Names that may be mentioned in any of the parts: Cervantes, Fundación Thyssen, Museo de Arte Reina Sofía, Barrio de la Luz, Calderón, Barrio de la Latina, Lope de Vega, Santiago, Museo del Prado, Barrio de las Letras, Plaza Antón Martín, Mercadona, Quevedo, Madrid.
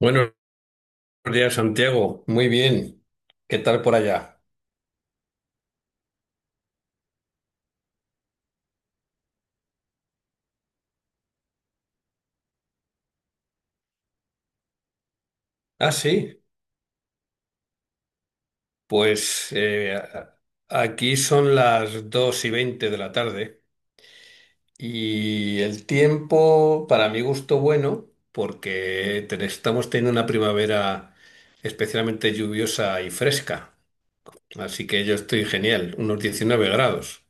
Buenos días, Santiago. Muy bien. ¿Qué tal por allá? Ah, sí. Pues aquí son las 2:20 de la tarde y el tiempo, para mi gusto, bueno, porque estamos teniendo una primavera especialmente lluviosa y fresca. Así que yo estoy genial, unos 19 grados.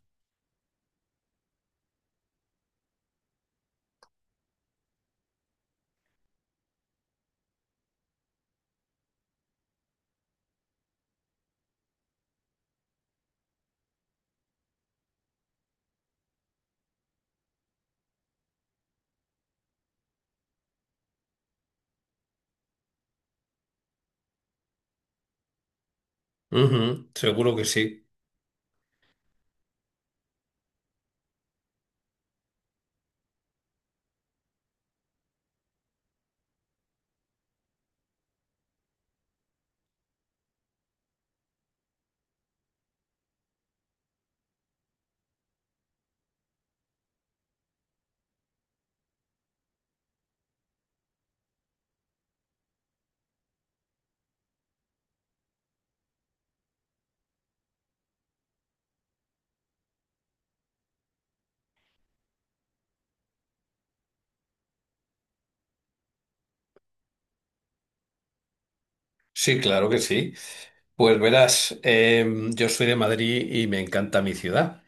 Ujú, seguro que sí. Sí, claro que sí. Pues verás, yo soy de Madrid y me encanta mi ciudad.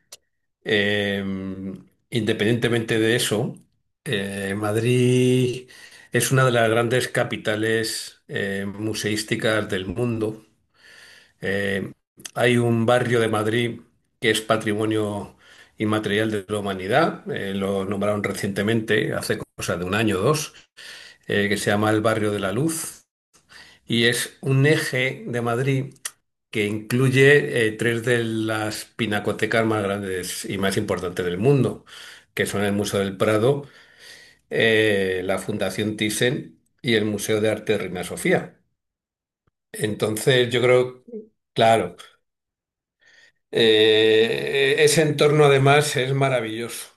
Eh, independientemente de eso, Madrid es una de las grandes capitales museísticas del mundo. Eh, hay un barrio de Madrid que es patrimonio inmaterial de la humanidad, lo nombraron recientemente, hace cosa de un año o dos, que se llama el Barrio de la Luz y es un eje de Madrid que incluye tres de las pinacotecas más grandes y más importantes del mundo, que son el Museo del Prado, la Fundación Thyssen y el Museo de Arte de Reina Sofía. Entonces, yo creo, claro, ese entorno además es maravilloso.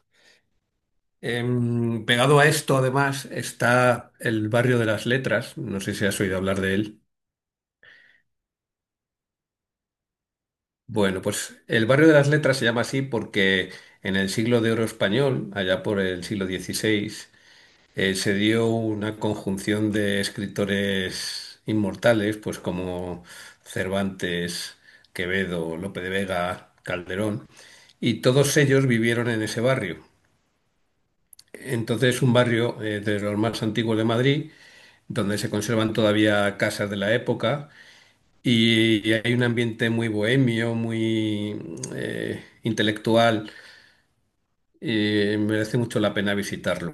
Pegado a esto, además, está el barrio de las Letras. No sé si has oído hablar de él. Bueno, pues el barrio de las Letras se llama así porque en el siglo de oro español, allá por el siglo XVI, se dio una conjunción de escritores inmortales, pues como Cervantes, Quevedo, Lope de Vega, Calderón, y todos ellos vivieron en ese barrio. Entonces un barrio de los más antiguos de Madrid, donde se conservan todavía casas de la época y hay un ambiente muy bohemio, muy intelectual, y merece mucho la pena visitarlo.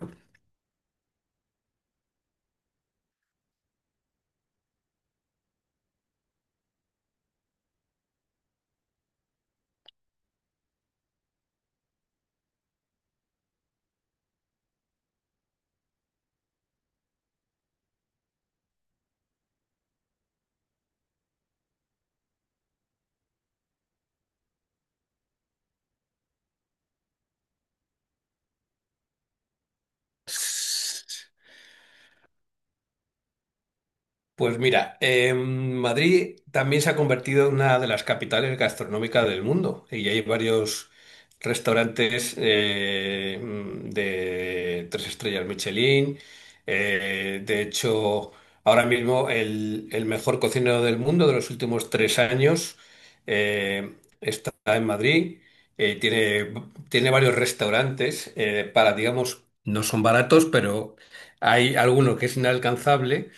Pues mira, Madrid también se ha convertido en una de las capitales gastronómicas del mundo y hay varios restaurantes de 3 estrellas Michelin. De hecho, ahora mismo el mejor cocinero del mundo de los últimos 3 años eh, está en Madrid. Eh, tiene, tiene varios restaurantes para, digamos, no son baratos, pero hay alguno que es inalcanzable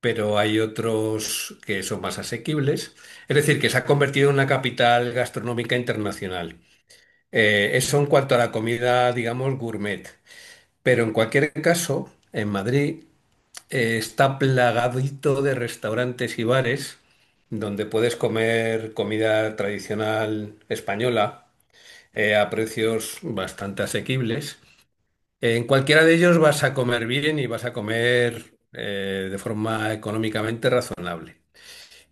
pero hay otros que son más asequibles. Es decir, que se ha convertido en una capital gastronómica internacional. Eso en cuanto a la comida, digamos, gourmet. Pero en cualquier caso, en Madrid está plagadito de restaurantes y bares donde puedes comer comida tradicional española a precios bastante asequibles. En cualquiera de ellos vas a comer bien y vas a comer de forma económicamente razonable.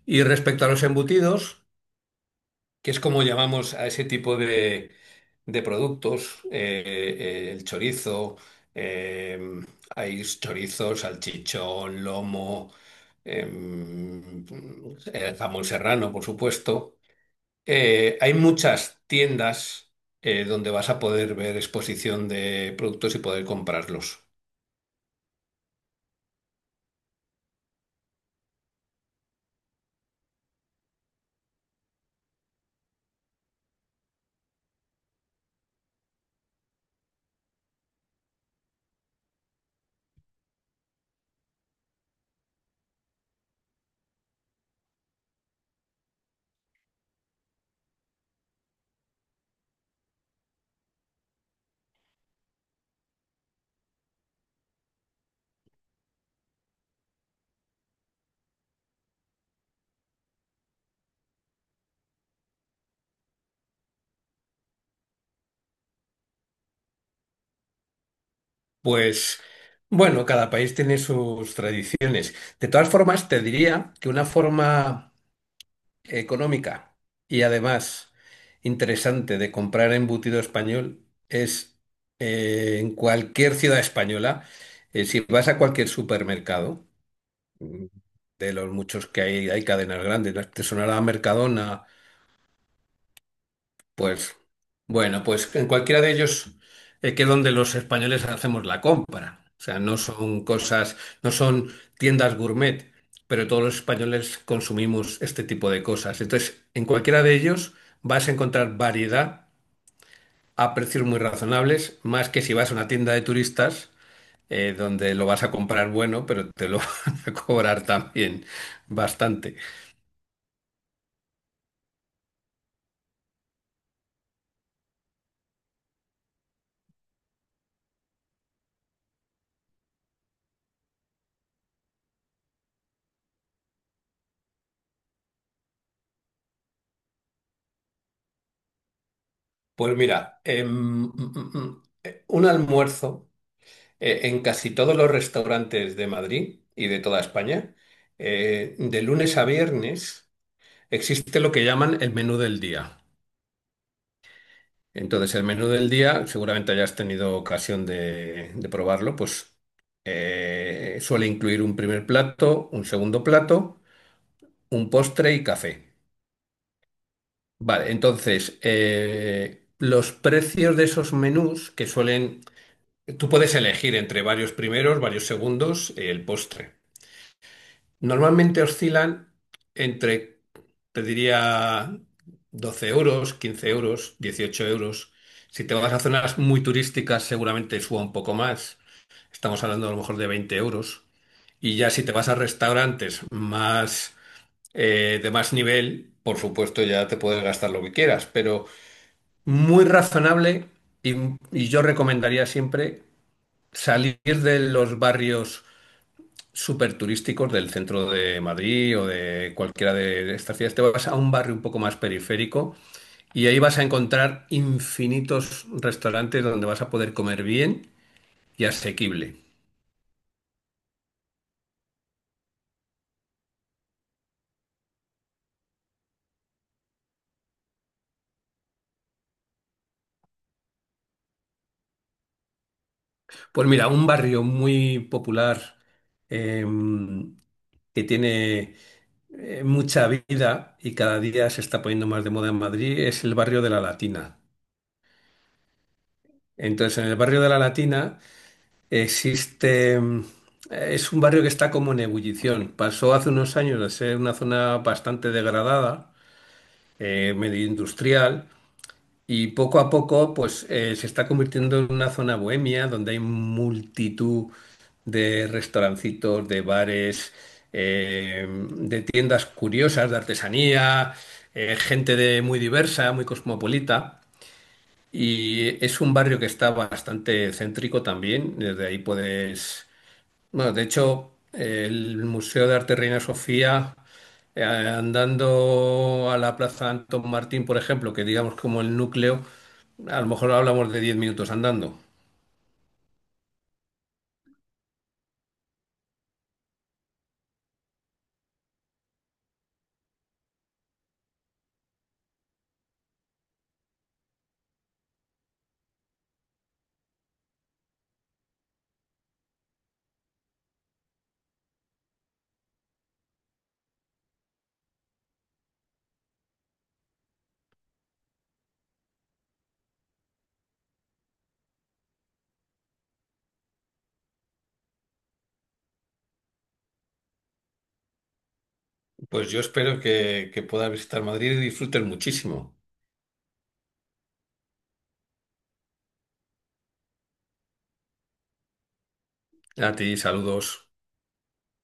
Y respecto a los embutidos, que es como llamamos a ese tipo de productos, el chorizo, eh, hay chorizos, salchichón, lomo, em, jamón serrano, por supuesto. Hay muchas tiendas donde vas a poder ver exposición de productos y poder comprarlos. Pues bueno, cada país tiene sus tradiciones. De todas formas, te diría que una forma económica y además interesante de comprar embutido español es en cualquier ciudad española, si vas a cualquier supermercado, mm, de los muchos que hay cadenas grandes, ¿no? Te sonará Mercadona, pues bueno, pues en cualquiera de ellos que donde los españoles hacemos la compra. O sea, no son cosas, no son tiendas gourmet, pero todos los españoles consumimos este tipo de cosas. Entonces, en cualquiera de ellos vas a encontrar variedad a precios muy razonables, más que si vas a una tienda de turistas, donde lo vas a comprar bueno, pero te lo van a cobrar también bastante. Pues mira, un almuerzo. En casi todos los restaurantes de Madrid y de toda España, de lunes a viernes existe lo que llaman el menú del día. Entonces, el menú del día, seguramente hayas tenido ocasión de probarlo, pues suele incluir un primer plato, un segundo plato, un postre y café. Vale, entonces, los precios de esos menús que suelen... Tú puedes elegir entre varios primeros, varios segundos, el postre. Normalmente oscilan entre, te diría, 12 euros, 15 euros, 18 euros. Si te vas a zonas muy turísticas, seguramente suba un poco más. Estamos hablando a lo mejor de 20 euros. Y ya si te vas a restaurantes más, de más nivel, por supuesto ya te puedes gastar lo que quieras, pero muy razonable y, y yo recomendaría siempre salir de los barrios súper turísticos del centro de Madrid o de cualquiera de estas ciudades. Te vas a un barrio un poco más periférico y ahí vas a encontrar infinitos restaurantes donde vas a poder comer bien y asequible. Pues mira, un barrio muy popular eh, que tiene mucha vida y cada día se está poniendo más de moda en Madrid es el barrio de la Latina. Entonces, en el barrio de la Latina existe, es un barrio que está como en ebullición. Pasó hace unos años de ser una zona bastante degradada, medio industrial, y poco a poco pues se está convirtiendo en una zona bohemia donde hay multitud de restaurancitos, de bares, eh, de tiendas curiosas, de artesanía, gente de muy diversa, muy cosmopolita. Y es un barrio que está bastante céntrico también. Desde ahí puedes bueno, de hecho, el Museo de Arte Reina Sofía, andando a la Plaza Antón Martín, por ejemplo, que digamos como el núcleo, a lo mejor hablamos de 10 minutos andando. Pues yo espero que puedas visitar Madrid y disfrutes muchísimo. A ti, saludos.